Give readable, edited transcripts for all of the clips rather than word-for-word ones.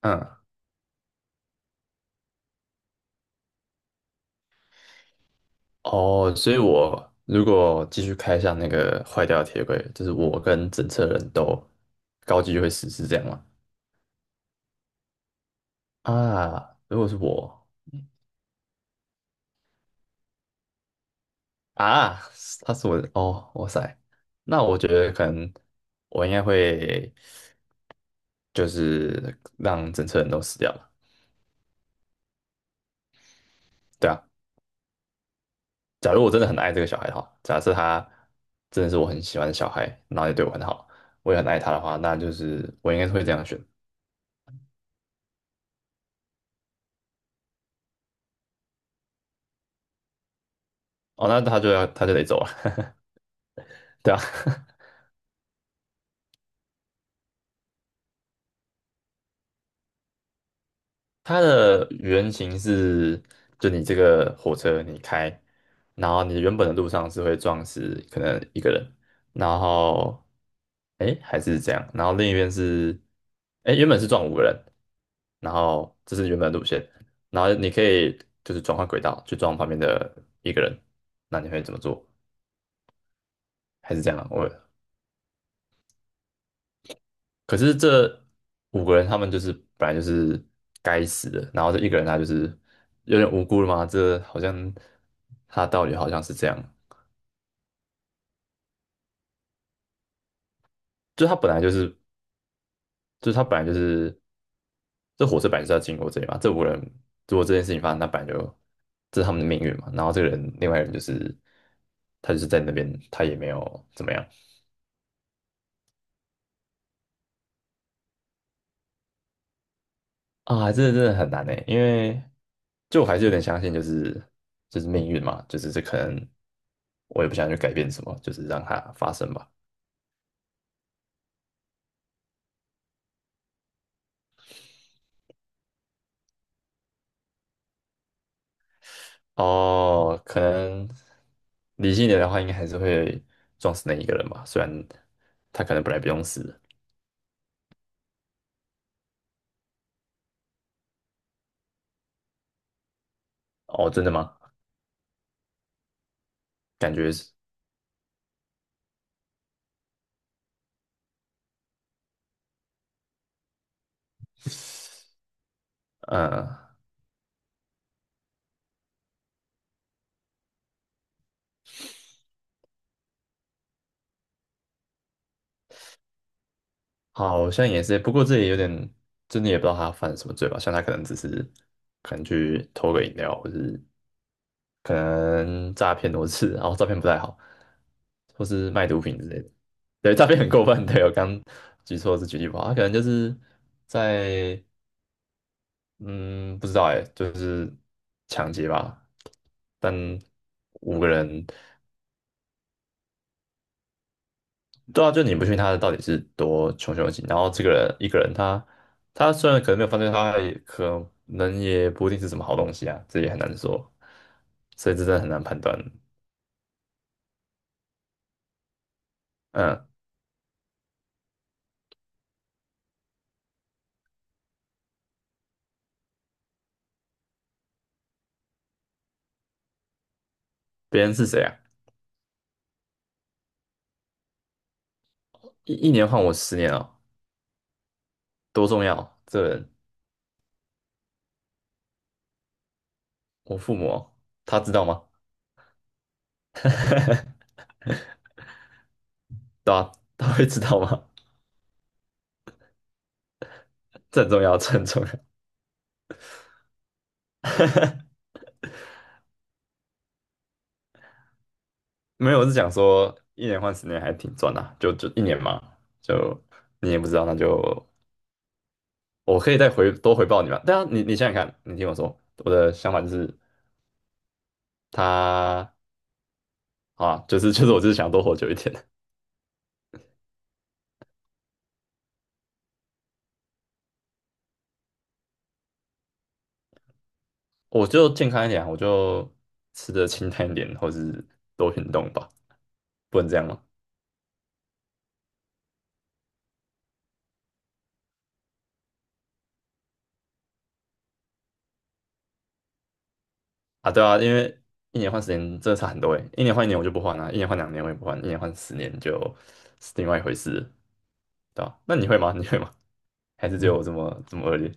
嗯，哦，所以我如果继续开向那个坏掉的铁轨，就是我跟整车人都高级就会死，是这样吗？啊，如果是我啊，他是我的哦，哇塞，那我觉得可能我应该会就是让整车人都死掉了，对啊。假如我真的很爱这个小孩的话，假设他真的是我很喜欢的小孩，然后也对我很好，我也很爱他的话，那就是我应该是会这样选。哦，那他就要他就得走了，对啊。它的原型是，就你这个火车你开，然后你原本的路上是会撞死可能一个人，然后，哎，还是这样，然后另一边是，哎，原本是撞五个人，然后这是原本的路线，然后你可以就是转换轨道去撞旁边的一个人，那你会怎么做？还是这样啊，我可是这五个人他们就是本来就是该死的，然后这一个人他就是有点无辜了嘛，这好像他道理好像是这样，就他本来就是，就他本来就是这火车本来就是要经过这里嘛，这五个人如果这件事情发生，那本来就这是他们的命运嘛，然后这个人另外一个人就是他就是在那边，他也没有怎么样，啊，这真的很难诶，因为就我还是有点相信，就是就是命运嘛，就是这可能我也不想去改变什么，就是让它发生吧。哦，可能理性一点的话，应该还是会撞死那一个人吧，虽然他可能本来不用死哦，真的吗？感觉是，嗯，好像也是，不过这也有点，真的也不知道他犯了什么罪吧，像他可能只是可能去偷个饮料，或是可能诈骗多次，然后照片不太好，或是卖毒品之类的。对，诈骗很过分。对，我刚举错是举例不好，他可能就是在嗯，不知道哎，就是抢劫吧。但五个人，对啊，就你不信他的到底是多穷凶极恶，然后这个人一个人他虽然可能没有犯罪，他也可能也不一定是什么好东西啊，这也很难说，所以这真的很难判断。嗯，别人是谁啊？一年换我十年啊，多重要！这人，我父母哦他知道吗？对啊，他会知道吗？这很重要，这很重要。没有，我是讲说一年换十年还挺赚的啊就一年嘛，就你也不知道，那就我可以再回多回报你嘛。对啊，你你想想看，你听我说，我的想法就是他啊，就是就是我就是想多活久一点，我就健康一点啊我就吃的清淡一点，或是多运动吧，不能这样吗？啊，对啊，因为一年换十年真的差很多诶，一年换一年我就不换了、一年换两年我也不换，一年换十年就是另外一回事了对吧、那你会吗？你会吗？还是只有我这么这么恶劣？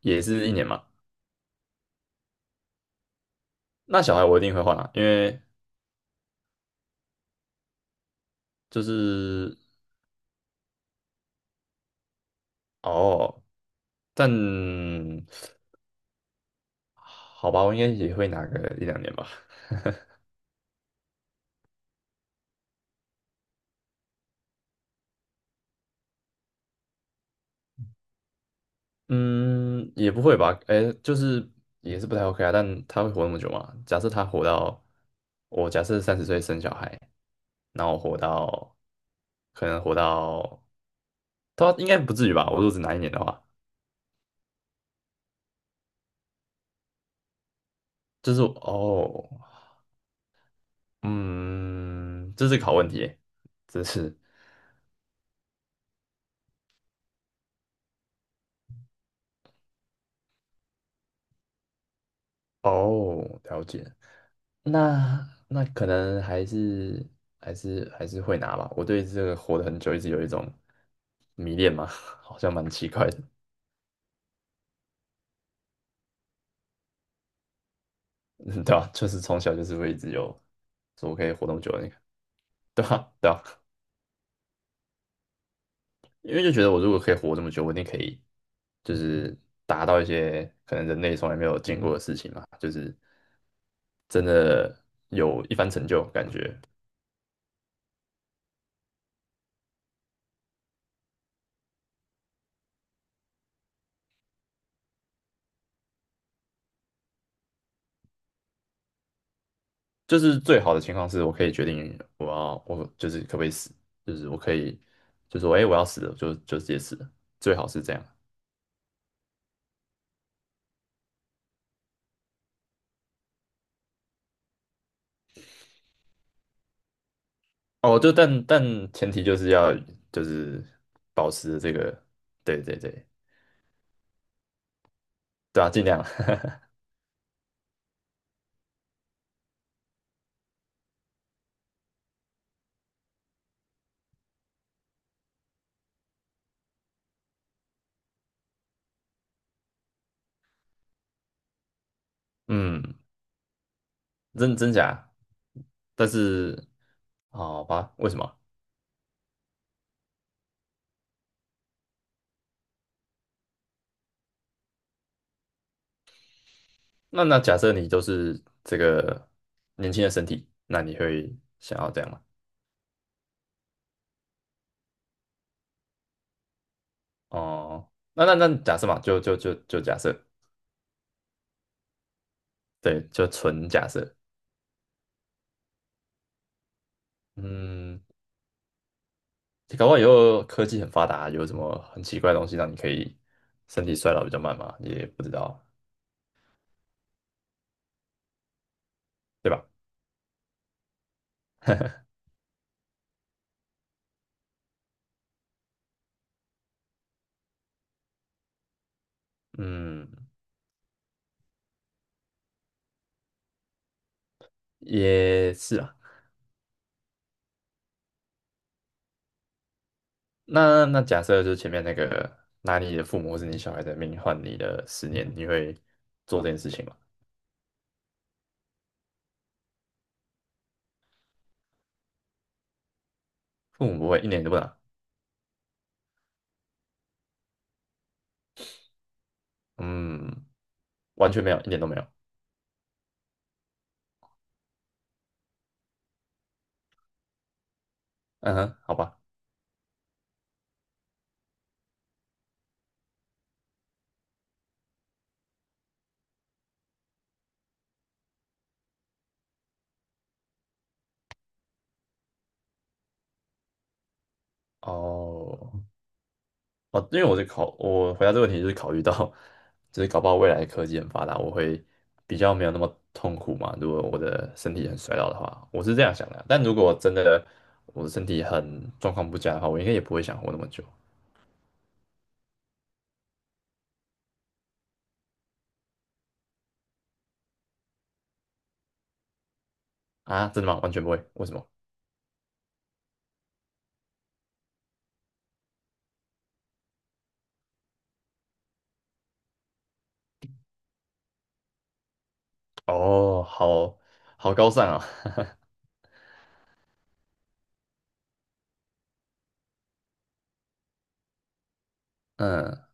也是一年嘛。那小孩我一定会换啊，因为就是哦，但好吧，我应该也会拿个一两年吧。嗯，也不会吧？哎，就是也是不太 OK 啊。但他会活那么久吗？假设他活到我假设30岁生小孩，然后活到可能活到他应该不至于吧？我如果只拿一年的话，就是哦，嗯，这是个好问题耶这是哦，了解。那可能还是会拿吧。我对这个活得很久一直有一种迷恋嘛，好像蛮奇怪的。嗯，对啊，就是从小就是会一直有，说我可以活那么久，你看，对吧？对啊，因为就觉得我如果可以活这么久，我一定可以，就是达到一些可能人类从来没有见过的事情嘛，就是真的有一番成就，感觉就是最好的情况是我可以决定我就是可不可以死，就是我可以就说哎、诶我要死了，就直接死了，最好是这样。哦，就但前提就是要就是保持这个，对对对，对啊，尽量，嗯，真真假，但是好吧，为什么？那那假设你就是这个年轻的身体，那你会想要这样吗？哦，那假设嘛，就就就就假设，对，就纯假设，嗯，搞不好以后科技很发达，有什么很奇怪的东西让你可以身体衰老比较慢嘛，也不知道，对吧？嗯，也是啊。那假设就是前面那个拿你的父母或是你小孩的命换你的十年，你会做这件事情吗？父母不会一点都不拿，嗯，完全没有，一点都没有。嗯哼，好吧，哦哦，因为我是考，我回答这个问题就是考虑到，就是搞不好未来科技很发达，我会比较没有那么痛苦嘛。如果我的身体很衰老的话，我是这样想的啊。但如果真的我的身体很状况不佳的话，我应该也不会想活那么久啊。真的吗？完全不会，为什么？哦，好好高尚啊，嗯，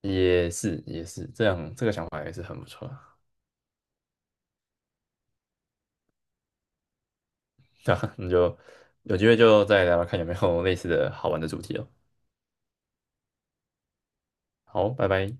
也是也是，这样这个想法也是很不错啊。那你就有机会就再聊聊看有没有类似的好玩的主题哦。好，拜拜。